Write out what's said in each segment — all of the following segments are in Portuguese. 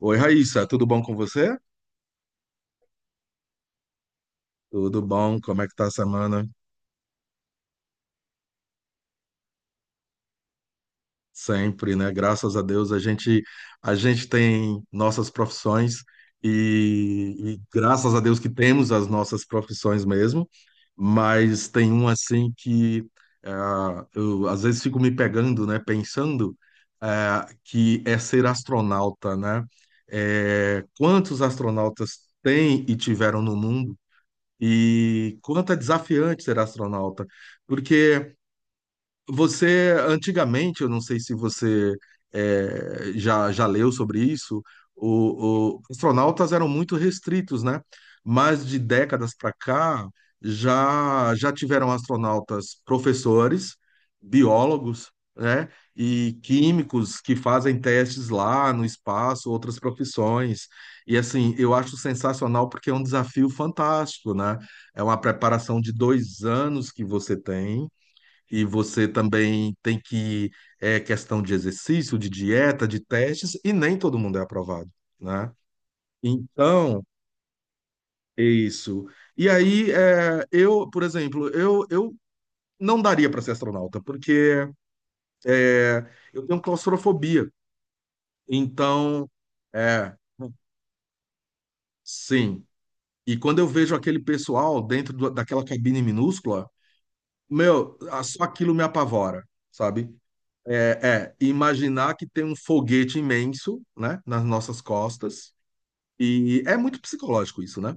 Oi, Raíssa, tudo bom com você? Tudo bom? Como é que tá a semana? Sempre, né? Graças a Deus a gente tem nossas profissões e graças a Deus que temos as nossas profissões mesmo, mas tem um assim que ah, eu às vezes fico me pegando, né? Pensando ah, que é ser astronauta, né? É, quantos astronautas tem e tiveram no mundo? E quanto é desafiante ser astronauta, porque você, antigamente, eu não sei se você já leu sobre isso, os astronautas eram muito restritos, né? Mas de décadas para cá, já tiveram astronautas professores, biólogos, né? E químicos que fazem testes lá no espaço, outras profissões. E assim, eu acho sensacional porque é um desafio fantástico, né? É uma preparação de 2 anos que você tem e você também tem que, é questão de exercício, de dieta, de testes, e nem todo mundo é aprovado, né? Então, é isso. E aí, é, eu, por exemplo, eu não daria para ser astronauta, porque é, eu tenho claustrofobia. Então, é, sim. E quando eu vejo aquele pessoal dentro daquela cabine minúscula, meu, só aquilo me apavora, sabe? Imaginar que tem um foguete imenso, né, nas nossas costas, e é muito psicológico isso, né?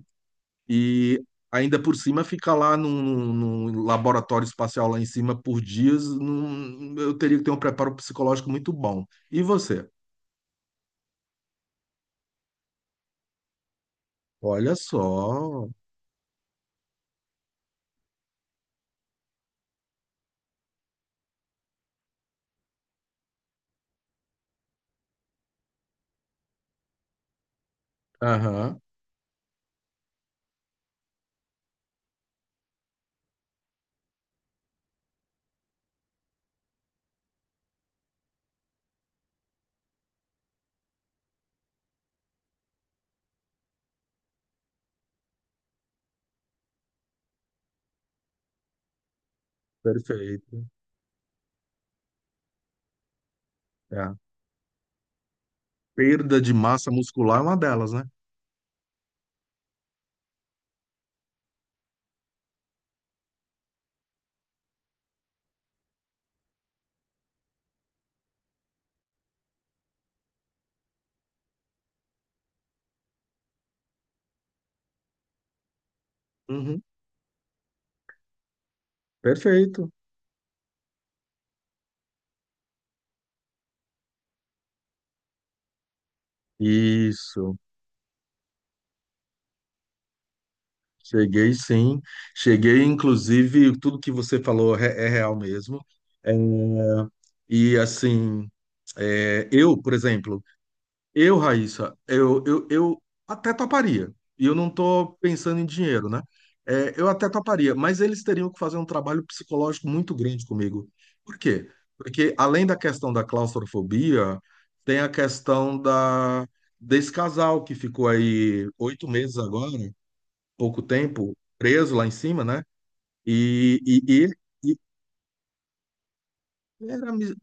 E ainda por cima fica lá laboratório espacial lá em cima por dias, eu teria que ter um preparo psicológico muito bom. E você? Olha só. Aham, perfeito. É. Perda de massa muscular é uma delas, né? Uhum, perfeito. Isso. Cheguei sim, cheguei inclusive, tudo que você falou é, é real mesmo. É, e assim, é, eu, por exemplo, eu até toparia. E eu não estou pensando em dinheiro, né? É, eu até toparia, mas eles teriam que fazer um trabalho psicológico muito grande comigo. Por quê? Porque além da questão da claustrofobia, tem a questão desse casal que ficou aí 8 meses agora, pouco tempo, preso lá em cima, né? E, e, e, e era,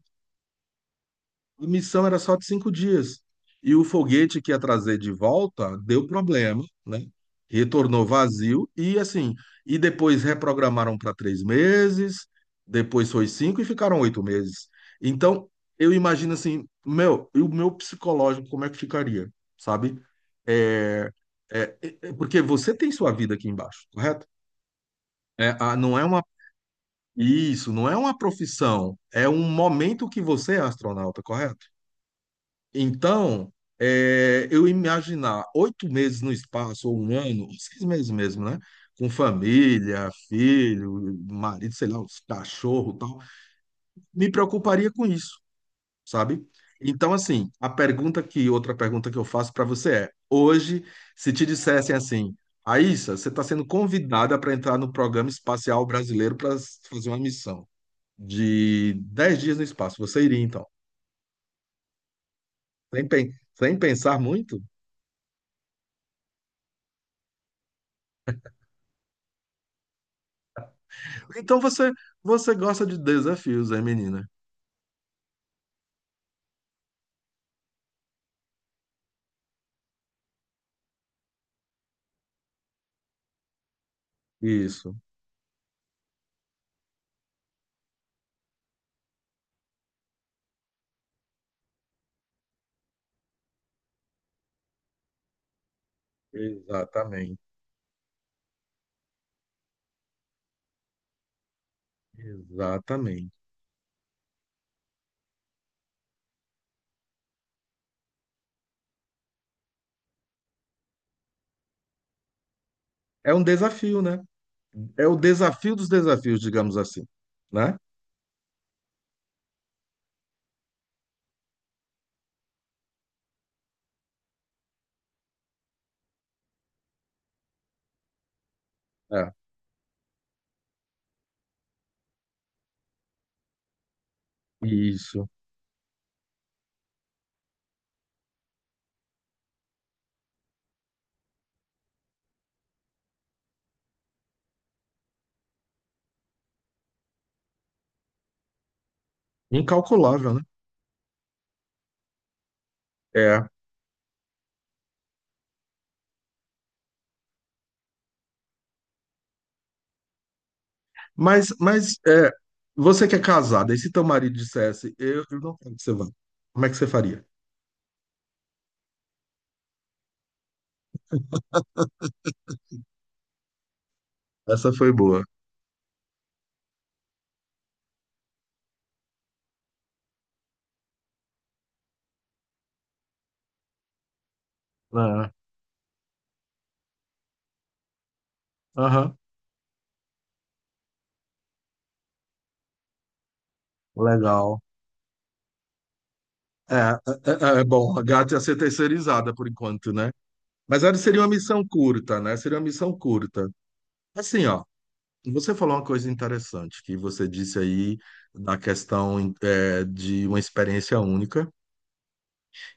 a missão era só de 5 dias. E o foguete que ia trazer de volta deu problema, né? Retornou vazio e assim. E depois reprogramaram para 3 meses, depois foi cinco e ficaram 8 meses. Então, eu imagino assim, meu, e o meu psicológico, como é que ficaria, sabe? É, é porque você tem sua vida aqui embaixo, correto? É, a- não é uma Isso não é uma profissão, é um momento que você é astronauta, correto? Então, é, eu imaginar 8 meses no espaço, ou um ano, ou 6 meses mesmo, né? Com família, filho, marido, sei lá, os cachorro e tal, me preocuparia com isso, sabe? Então, assim, a pergunta que, outra pergunta que eu faço para você é: hoje, se te dissessem assim, Aissa, você está sendo convidada para entrar no programa espacial brasileiro para fazer uma missão de 10 dias no espaço. Você iria, então? Sem pensar muito? Então você gosta de desafios, é, menina? Isso, exatamente. Exatamente. É um desafio, né? É o desafio dos desafios, digamos assim, né? É, isso. Incalculável, né? É. Mas é, você que é casada, e se teu marido dissesse, eu não quero que você vá, como é que você faria? Essa foi boa. É. Aham, legal. Bom, a gata ia ser terceirizada por enquanto, né? Mas ela seria uma missão curta, né? Seria uma missão curta. Assim, ó, você falou uma coisa interessante que você disse aí da questão é, de uma experiência única.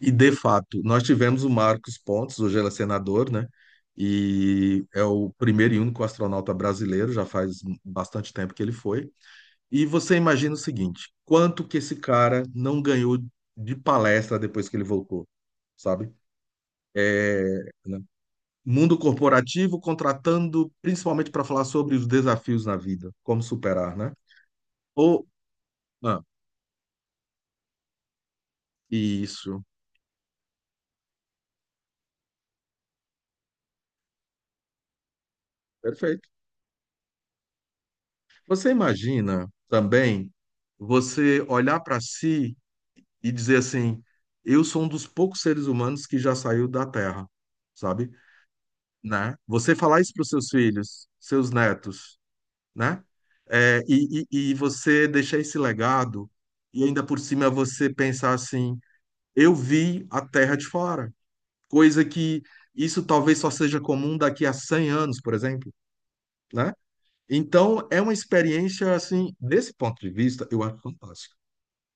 E, de fato, nós tivemos o Marcos Pontes, hoje ele é senador, né? E é o primeiro e único astronauta brasileiro, já faz bastante tempo que ele foi. E você imagina o seguinte: quanto que esse cara não ganhou de palestra depois que ele voltou? Sabe? É, né? Mundo corporativo contratando principalmente para falar sobre os desafios na vida, como superar, né? Ou, ah, isso, perfeito. Você imagina também você olhar para si e dizer assim: eu sou um dos poucos seres humanos que já saiu da Terra, sabe? Né? Você falar isso para os seus filhos, seus netos, né? É, e você deixar esse legado, e ainda por cima você pensar assim. Eu vi a terra de fora, coisa que isso talvez só seja comum daqui a 100 anos, por exemplo, né? Então, é uma experiência, assim, desse ponto de vista, eu acho fantástico,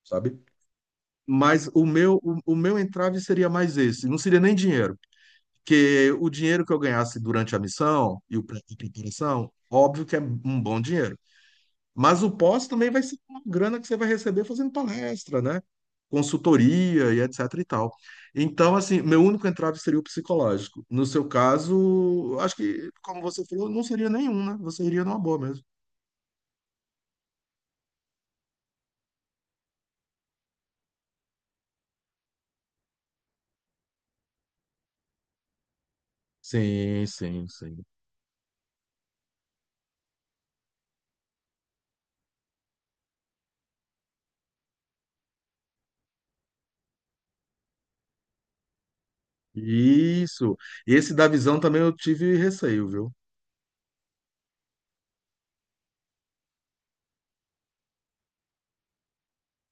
sabe? Mas o meu entrave seria mais esse, não seria nem dinheiro, porque o dinheiro que eu ganhasse durante a missão e preparação, óbvio que é um bom dinheiro. Mas o pós também vai ser uma grana que você vai receber fazendo palestra, né? Consultoria e etc e tal. Então, assim, meu único entrave seria o psicológico. No seu caso, acho que, como você falou, não seria nenhum, né? Você iria numa boa mesmo. Sim, sim, sim. Isso. Esse da visão também eu tive receio, viu?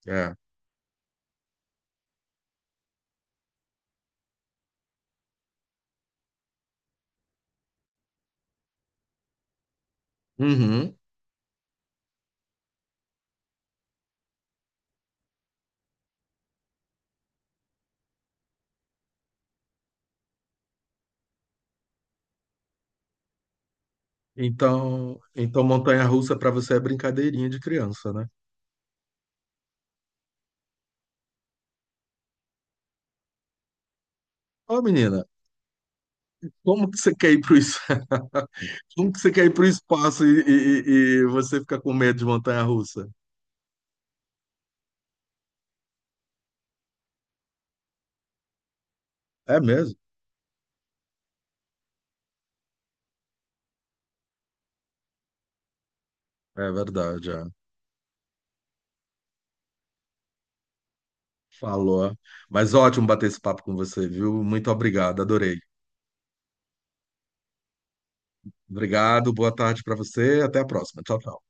É. Uhum. Então montanha-russa para você é brincadeirinha de criança, né? Ô, menina, como que você quer ir pro isso? Como que você quer ir para o espaço e você fica com medo de montanha-russa? É mesmo? É verdade, é. Falou. Mas ótimo bater esse papo com você, viu? Muito obrigado, adorei. Obrigado, boa tarde para você, até a próxima. Tchau, tchau.